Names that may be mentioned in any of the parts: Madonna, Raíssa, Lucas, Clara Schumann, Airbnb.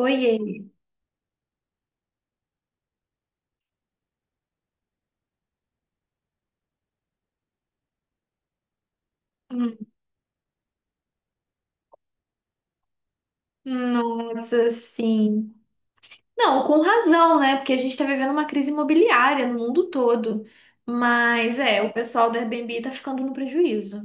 Oiê. Hum. Nossa, sim. Não, com razão, né? Porque a gente tá vivendo uma crise imobiliária no mundo todo. Mas é, o pessoal do Airbnb tá ficando no prejuízo,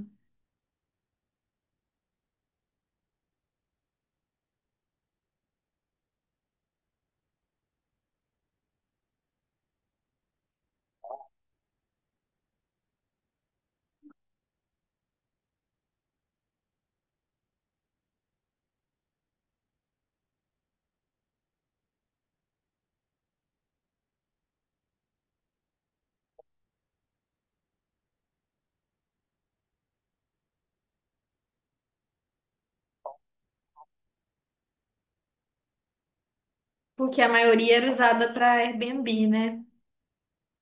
porque a maioria era usada para Airbnb, né?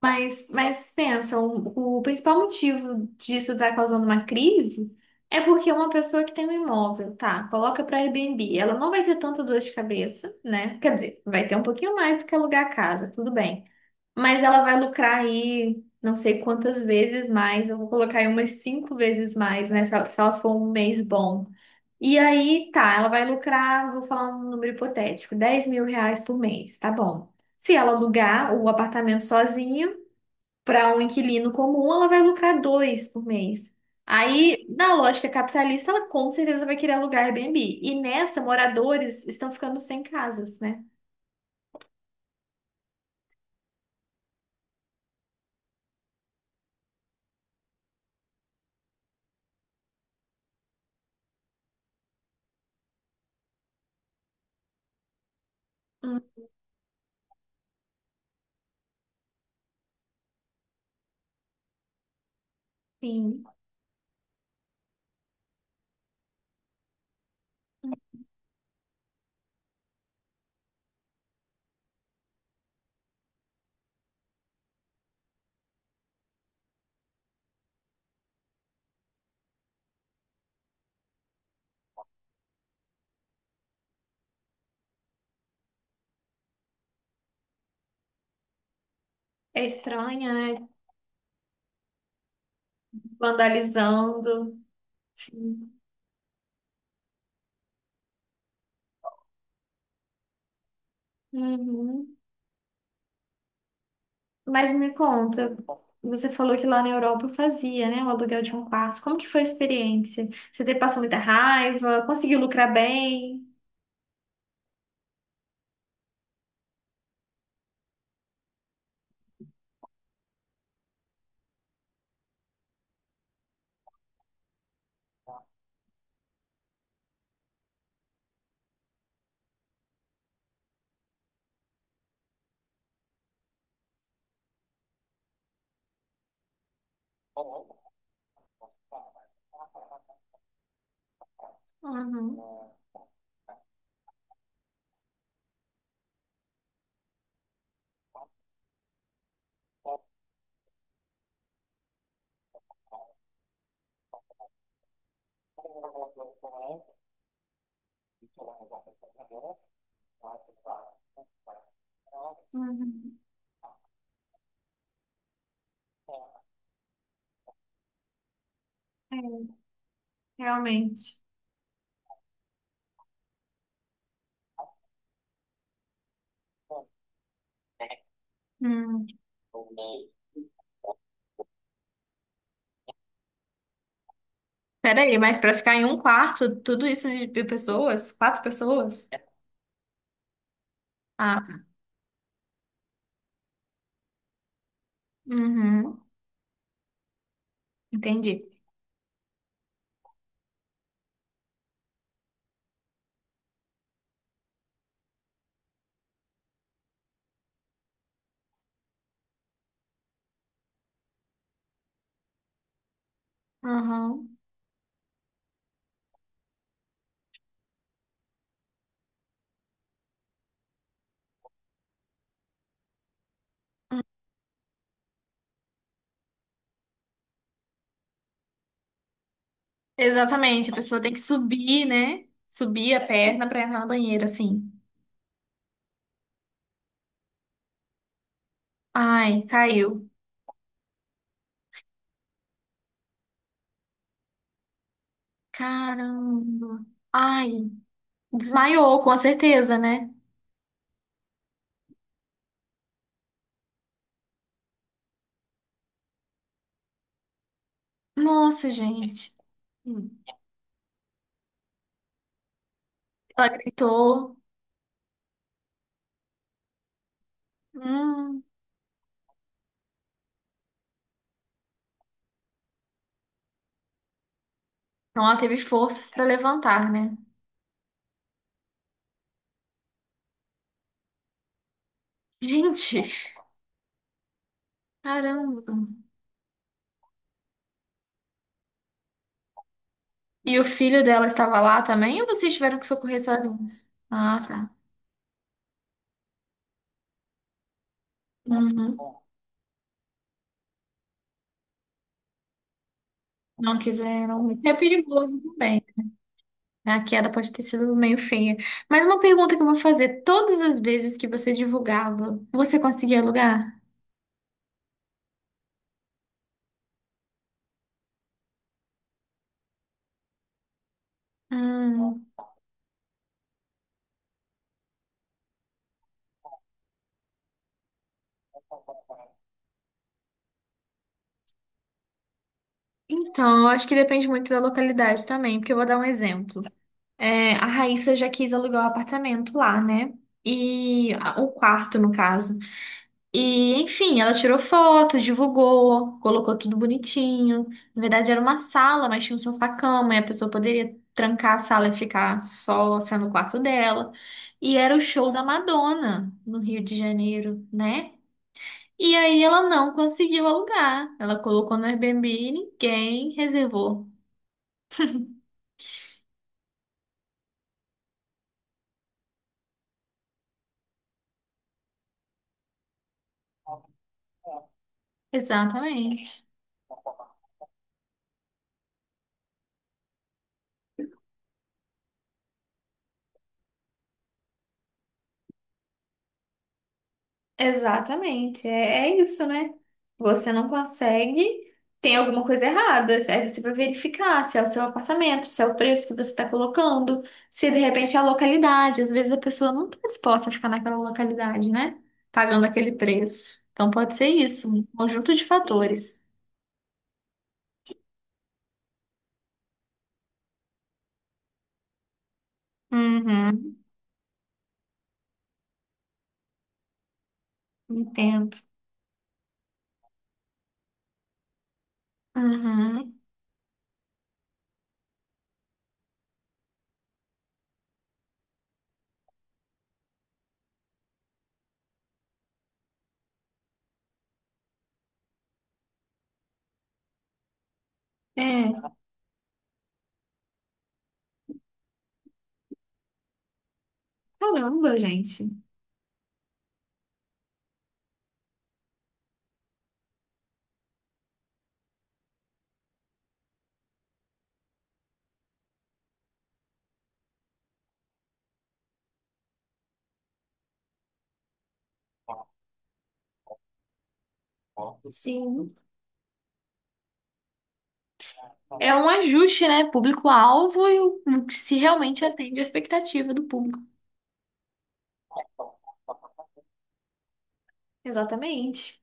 Mas pensa, o principal motivo disso estar causando uma crise é porque uma pessoa que tem um imóvel, tá, coloca para Airbnb, ela não vai ter tanta dor de cabeça, né? Quer dizer, vai ter um pouquinho mais do que alugar a casa, tudo bem. Mas ela vai lucrar aí não sei quantas vezes mais. Eu vou colocar aí umas cinco vezes mais, né? Se ela for um mês bom. E aí, tá, ela vai lucrar, vou falar um número hipotético, R$ 10.000 por mês, tá bom. Se ela alugar o apartamento sozinho para um inquilino comum, ela vai lucrar dois por mês. Aí, na lógica capitalista, ela com certeza vai querer alugar Airbnb. E nessa, moradores estão ficando sem casas, né? Hum, sim. É estranha, né? Vandalizando. Uhum. Mas me conta, você falou que lá na Europa fazia, né, o aluguel de um quarto. Como que foi a experiência? Passou muita raiva? Conseguiu lucrar bem? Uhum. Uhum. É, realmente. Hum. Peraí, mas para ficar em um quarto, tudo isso de pessoas? Quatro pessoas? Ah, tá. Uhum. Entendi. Uhum. Exatamente, a pessoa tem que subir, né? Subir a perna para entrar na banheira, assim. Ai, caiu. Caramba. Ai, desmaiou, com certeza, né? Nossa, gente. Hum. Ela gritou. Hum. Então ela teve forças para levantar, né? Gente, caramba. E o filho dela estava lá também ou vocês tiveram que socorrer sozinhos? Ah, tá. Uhum. Não quiseram. É perigoso também, né? A queda pode ter sido meio feia. Mas uma pergunta que eu vou fazer: todas as vezes que você divulgava, você conseguia alugar? Hum. Então, eu acho que depende muito da localidade também, porque eu vou dar um exemplo. É, a Raíssa já quis alugar o apartamento lá, né? O quarto, no caso. E, enfim, ela tirou foto, divulgou, colocou tudo bonitinho. Na verdade, era uma sala, mas tinha um sofá-cama, e a pessoa poderia trancar a sala e ficar só sendo o quarto dela. E era o show da Madonna no Rio de Janeiro, né? E aí ela não conseguiu alugar. Ela colocou no Airbnb e ninguém reservou. Exatamente. Exatamente, é, é isso, né? Você não consegue, tem alguma coisa errada. Aí você vai verificar se é o seu apartamento, se é o preço que você está colocando, se de repente é a localidade. Às vezes a pessoa não está disposta a ficar naquela localidade, né? Pagando aquele preço. Então pode ser isso, um conjunto de fatores. Uhum, entendo. Uhum. É, caramba, gente. Sim. É um ajuste, né? Público-alvo e o que se realmente atende à expectativa do público. Exatamente.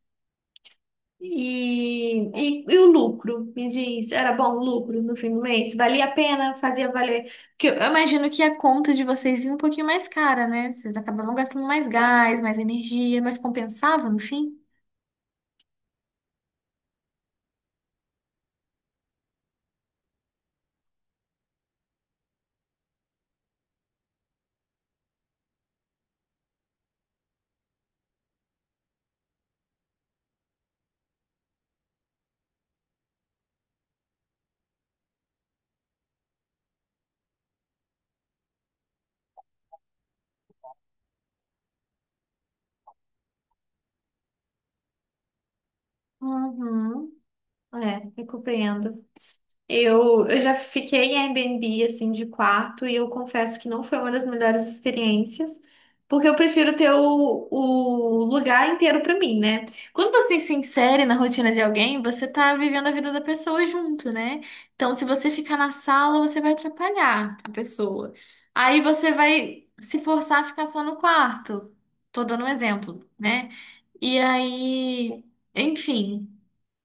E o lucro? Me diz, era bom o lucro no fim do mês? Valia a pena? Fazia valer? Porque eu imagino que a conta de vocês vinha um pouquinho mais cara, né? Vocês acabavam gastando mais gás, mais energia, mas compensava no fim? Uhum. É, eu compreendo. Eu já fiquei em Airbnb, assim, de quarto, e eu confesso que não foi uma das melhores experiências, porque eu prefiro ter o lugar inteiro pra mim, né? Quando você se insere na rotina de alguém, você tá vivendo a vida da pessoa junto, né? Então, se você ficar na sala, você vai atrapalhar a pessoa. Aí você vai se forçar a ficar só no quarto. Tô dando um exemplo, né? E aí, enfim.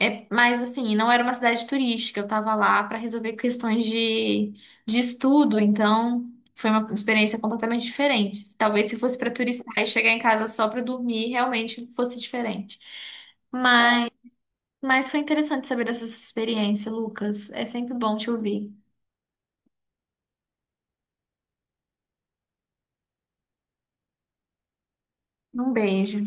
É, mas assim, não era uma cidade turística, eu tava lá para resolver questões de estudo, então foi uma experiência completamente diferente. Talvez se fosse para turistar e chegar em casa só para dormir, realmente fosse diferente. Mas, mas foi interessante saber dessa sua experiência, Lucas. É sempre bom te ouvir. Um beijo.